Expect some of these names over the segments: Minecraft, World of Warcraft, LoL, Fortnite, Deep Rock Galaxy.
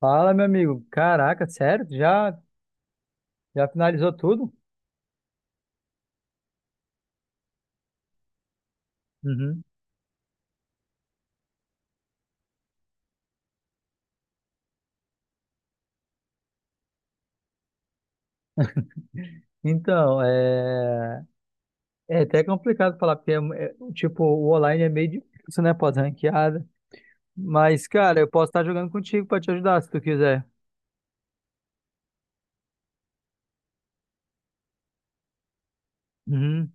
Fala, meu amigo. Caraca, sério? Já, já finalizou tudo? Uhum. Então, é... É até complicado falar, porque, tipo, o online é meio difícil, né? Pode ranqueada. Mas, cara, eu posso estar jogando contigo pra te ajudar, se tu quiser. Uhum.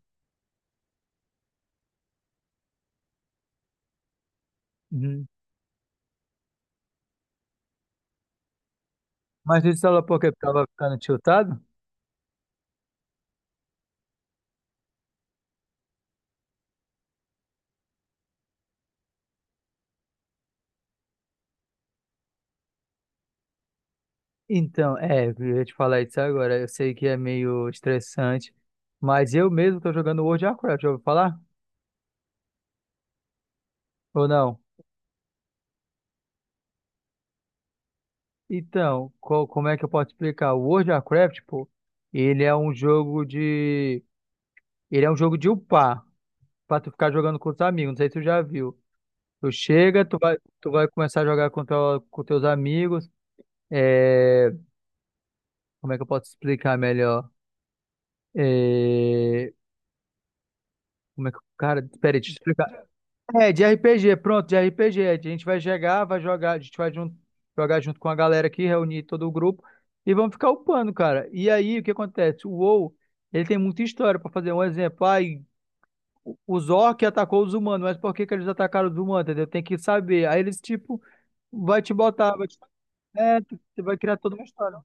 Uhum. Mas isso ela porque eu tava ficando tiltado? Então, é, eu ia te falar isso agora. Eu sei que é meio estressante, mas eu mesmo tô jogando World of Warcraft, já ouviu falar? Ou não? Então, como é que eu posso explicar? O World of Warcraft, pô, ele é um jogo de. Ele é um jogo de upar, pra tu ficar jogando com os amigos. Não sei se tu já viu. Tu vai começar a jogar com teus amigos. É, Como é que eu posso explicar melhor? É, Como é que. Cara, peraí, deixa eu explicar. É, de RPG, pronto, de RPG. A gente vai chegar, vai jogar, a gente vai jogar junto com a galera aqui, reunir todo o grupo e vamos ficar upando, cara. E aí, o que acontece? O WoW, ele tem muita história pra fazer. Um exemplo, ai, os orcs atacou os humanos, mas por que que eles atacaram os humanos, entendeu? Tem que saber. Aí eles, tipo, vai te botar, vai te... É, você vai criar toda uma história.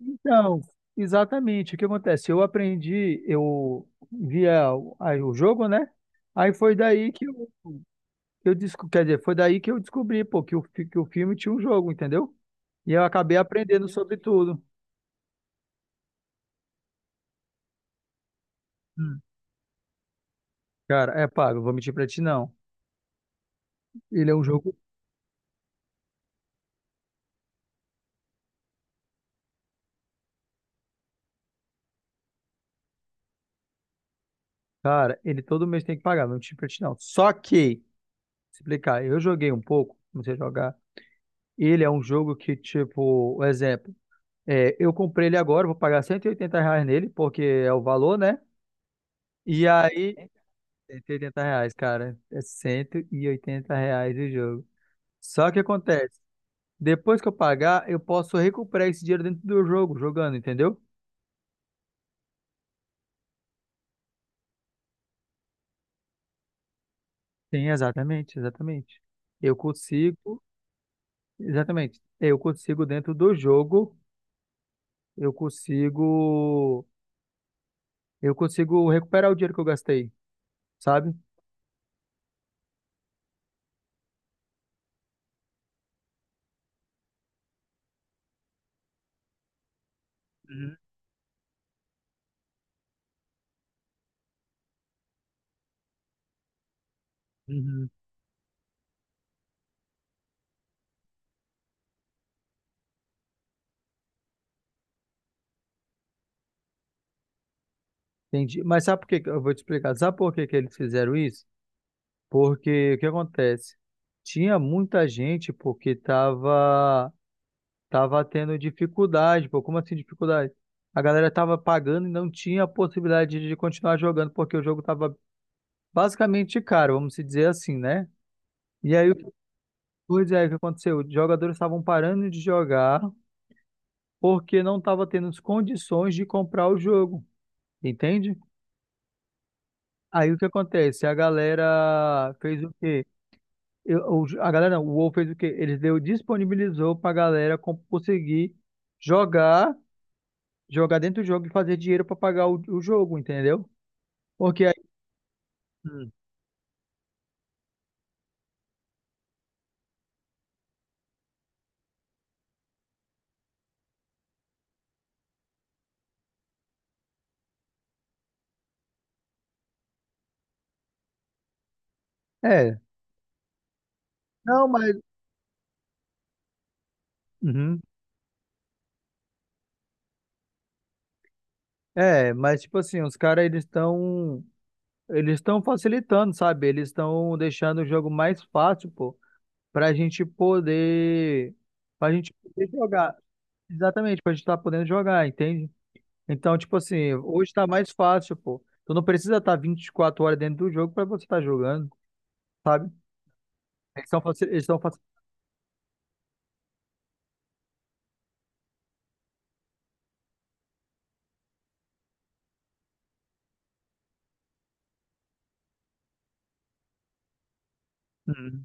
Então, exatamente, o que acontece? Eu aprendi, eu via o aí o jogo, né? Aí foi daí que eu desco... Quer dizer, foi daí que eu descobri, pô, que o filme tinha um jogo, entendeu? E eu acabei aprendendo sobre tudo. Hum. Cara, é pago, vou mentir pra ti não. Ele é um jogo. Cara, ele todo mês tem que pagar, não vou mentir pra ti não. Eu joguei um pouco, comecei a jogar. Ele é um jogo que, tipo, um exemplo, eu comprei ele agora, vou pagar 180 reais nele, porque é o valor, né? E aí, 180 reais, cara, é 180 reais o jogo. Só que acontece. Depois que eu pagar, eu posso recuperar esse dinheiro dentro do jogo, jogando, entendeu? Sim, exatamente, exatamente. Eu consigo, exatamente. Eu consigo dentro do jogo, eu consigo, eu consigo recuperar o dinheiro que eu gastei, sabe? Uhum, uhum. Entendi. Eu vou te explicar. Sabe por que que eles fizeram isso? Porque o que acontece? Tinha muita gente porque estava Tava tendo dificuldade, pô. Como assim dificuldade? A galera tava pagando e não tinha a possibilidade de continuar jogando, porque o jogo tava basicamente caro, vamos se dizer assim, né? E aí, o que pois é, o que aconteceu? Os jogadores estavam parando de jogar porque não tava tendo as condições de comprar o jogo, entende? Aí o que acontece? A galera fez o quê? Eu- o- a galera, não, o WoW fez o quê? Eles deu, disponibilizou pra galera conseguir jogar jogar dentro do jogo e fazer dinheiro pra pagar o jogo, entendeu? Porque aí, Hum. É, não, mas uhum. é, mas tipo assim, os caras eles estão facilitando, sabe? Eles estão deixando o jogo mais fácil, pô, pra gente poder pra gente poder jogar. Exatamente, pra gente estar podendo jogar, entende? Então, tipo assim, hoje tá mais fácil, pô. Tu não precisa estar 24 horas dentro do jogo pra você estar jogando, sabe? Eles estão facil... eles estão facil...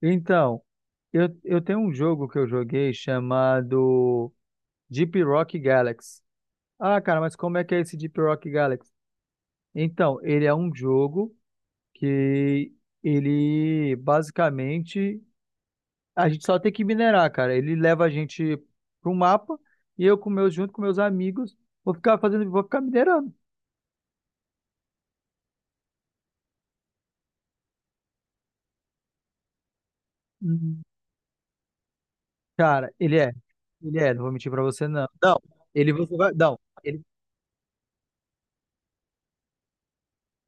Então, eu tenho um jogo que eu joguei chamado Deep Rock Galaxy. Ah, cara, mas como é que é esse Deep Rock Galaxy? Então, ele é um jogo que ele basicamente a gente só tem que minerar, cara. Ele leva a gente pro mapa e eu com meus junto com meus amigos vou ficar minerando. Uhum. Cara, ele é, ele é, não vou mentir pra você não. Não, ele você vai, não, ele,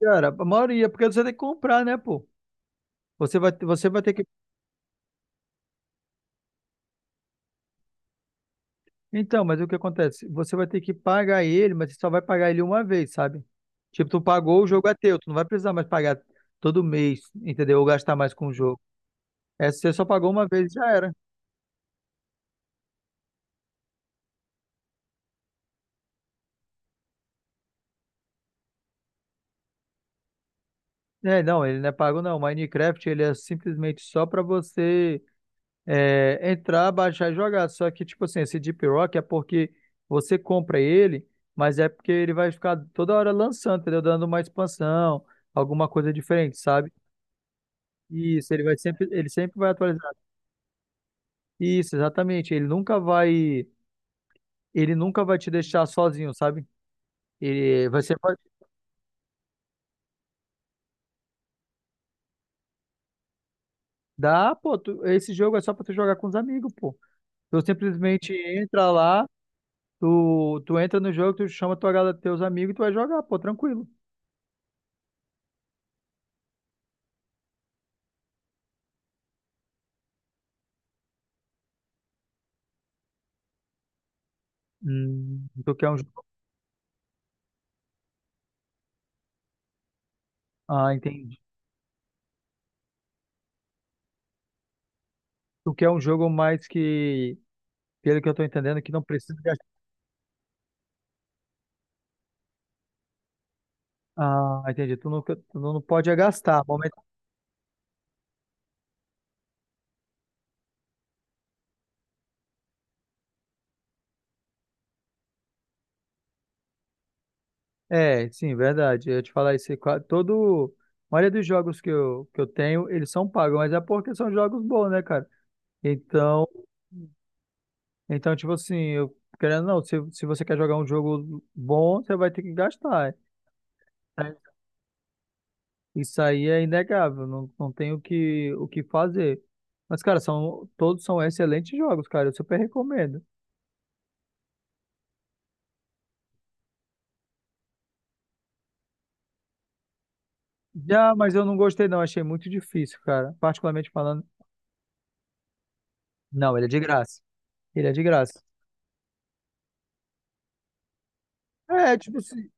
cara, a maioria porque você tem que comprar, né, pô? Você vai ter que. Então, mas o que acontece? Você vai ter que pagar ele, mas você só vai pagar ele uma vez, sabe? Tipo, tu pagou, o jogo é teu. Tu não vai precisar mais pagar todo mês, entendeu? Ou gastar mais com o jogo. É, você só pagou uma vez e já era. É, não, ele não é pago, não. Minecraft, ele é simplesmente só pra você entrar, baixar e jogar. Só que, tipo assim, esse Deep Rock é porque você compra ele, mas é porque ele vai ficar toda hora lançando, entendeu? Dando uma expansão, alguma coisa diferente, sabe? Isso, ele sempre vai atualizar. Isso, exatamente. Ele nunca vai te deixar sozinho, sabe? Você pode dar, pô, esse jogo é só pra tu jogar com os amigos, pô. Tu simplesmente entra lá, tu entra no jogo, tu chama tua galera, teus amigos e tu vai jogar, pô, tranquilo. Tu quer um jogo? Ah, entendi. Tu quer um jogo mais que, pelo que eu tô entendendo, que não precisa gastar. Ah, entendi. Tu não pode é gastar. É, sim, verdade. Eu ia te falar isso. A maioria dos jogos que eu tenho, eles são pagos, mas é porque são jogos bons, né, cara? Então, então tipo assim, eu querendo ou não, se você quer jogar um jogo bom, você vai ter que gastar. Né? Isso aí é inegável, não tem o que fazer. Mas, cara, todos são excelentes jogos, cara. Eu super recomendo. Já, mas eu não gostei, não. Achei muito difícil, cara. Particularmente falando. Não, ele é de graça. Ele é de graça. É, tipo assim.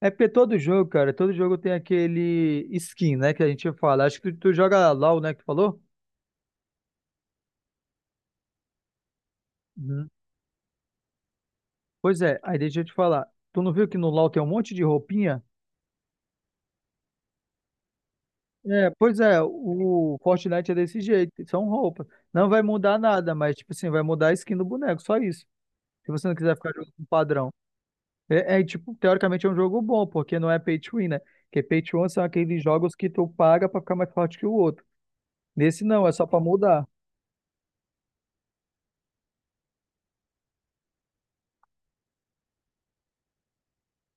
É porque todo jogo, cara, todo jogo tem aquele skin, né, que a gente fala. Acho que tu joga LoL, né, que tu falou? Uhum. Pois é, aí deixa eu te falar. Tu não viu que no LoL tem um monte de roupinha? É, pois é, o Fortnite é desse jeito, são roupas. Não vai mudar nada, mas, tipo assim, vai mudar a skin do boneco, só isso. Se você não quiser ficar jogando com padrão. Tipo, teoricamente é um jogo bom, porque não é pay to win, né? Porque pay to win são aqueles jogos que tu paga pra ficar mais forte que o outro. Nesse não, é só pra mudar.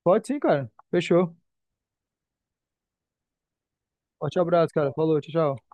Pode sim, cara. Fechou. Forte abraço, cara. Falou, tchau, tchau.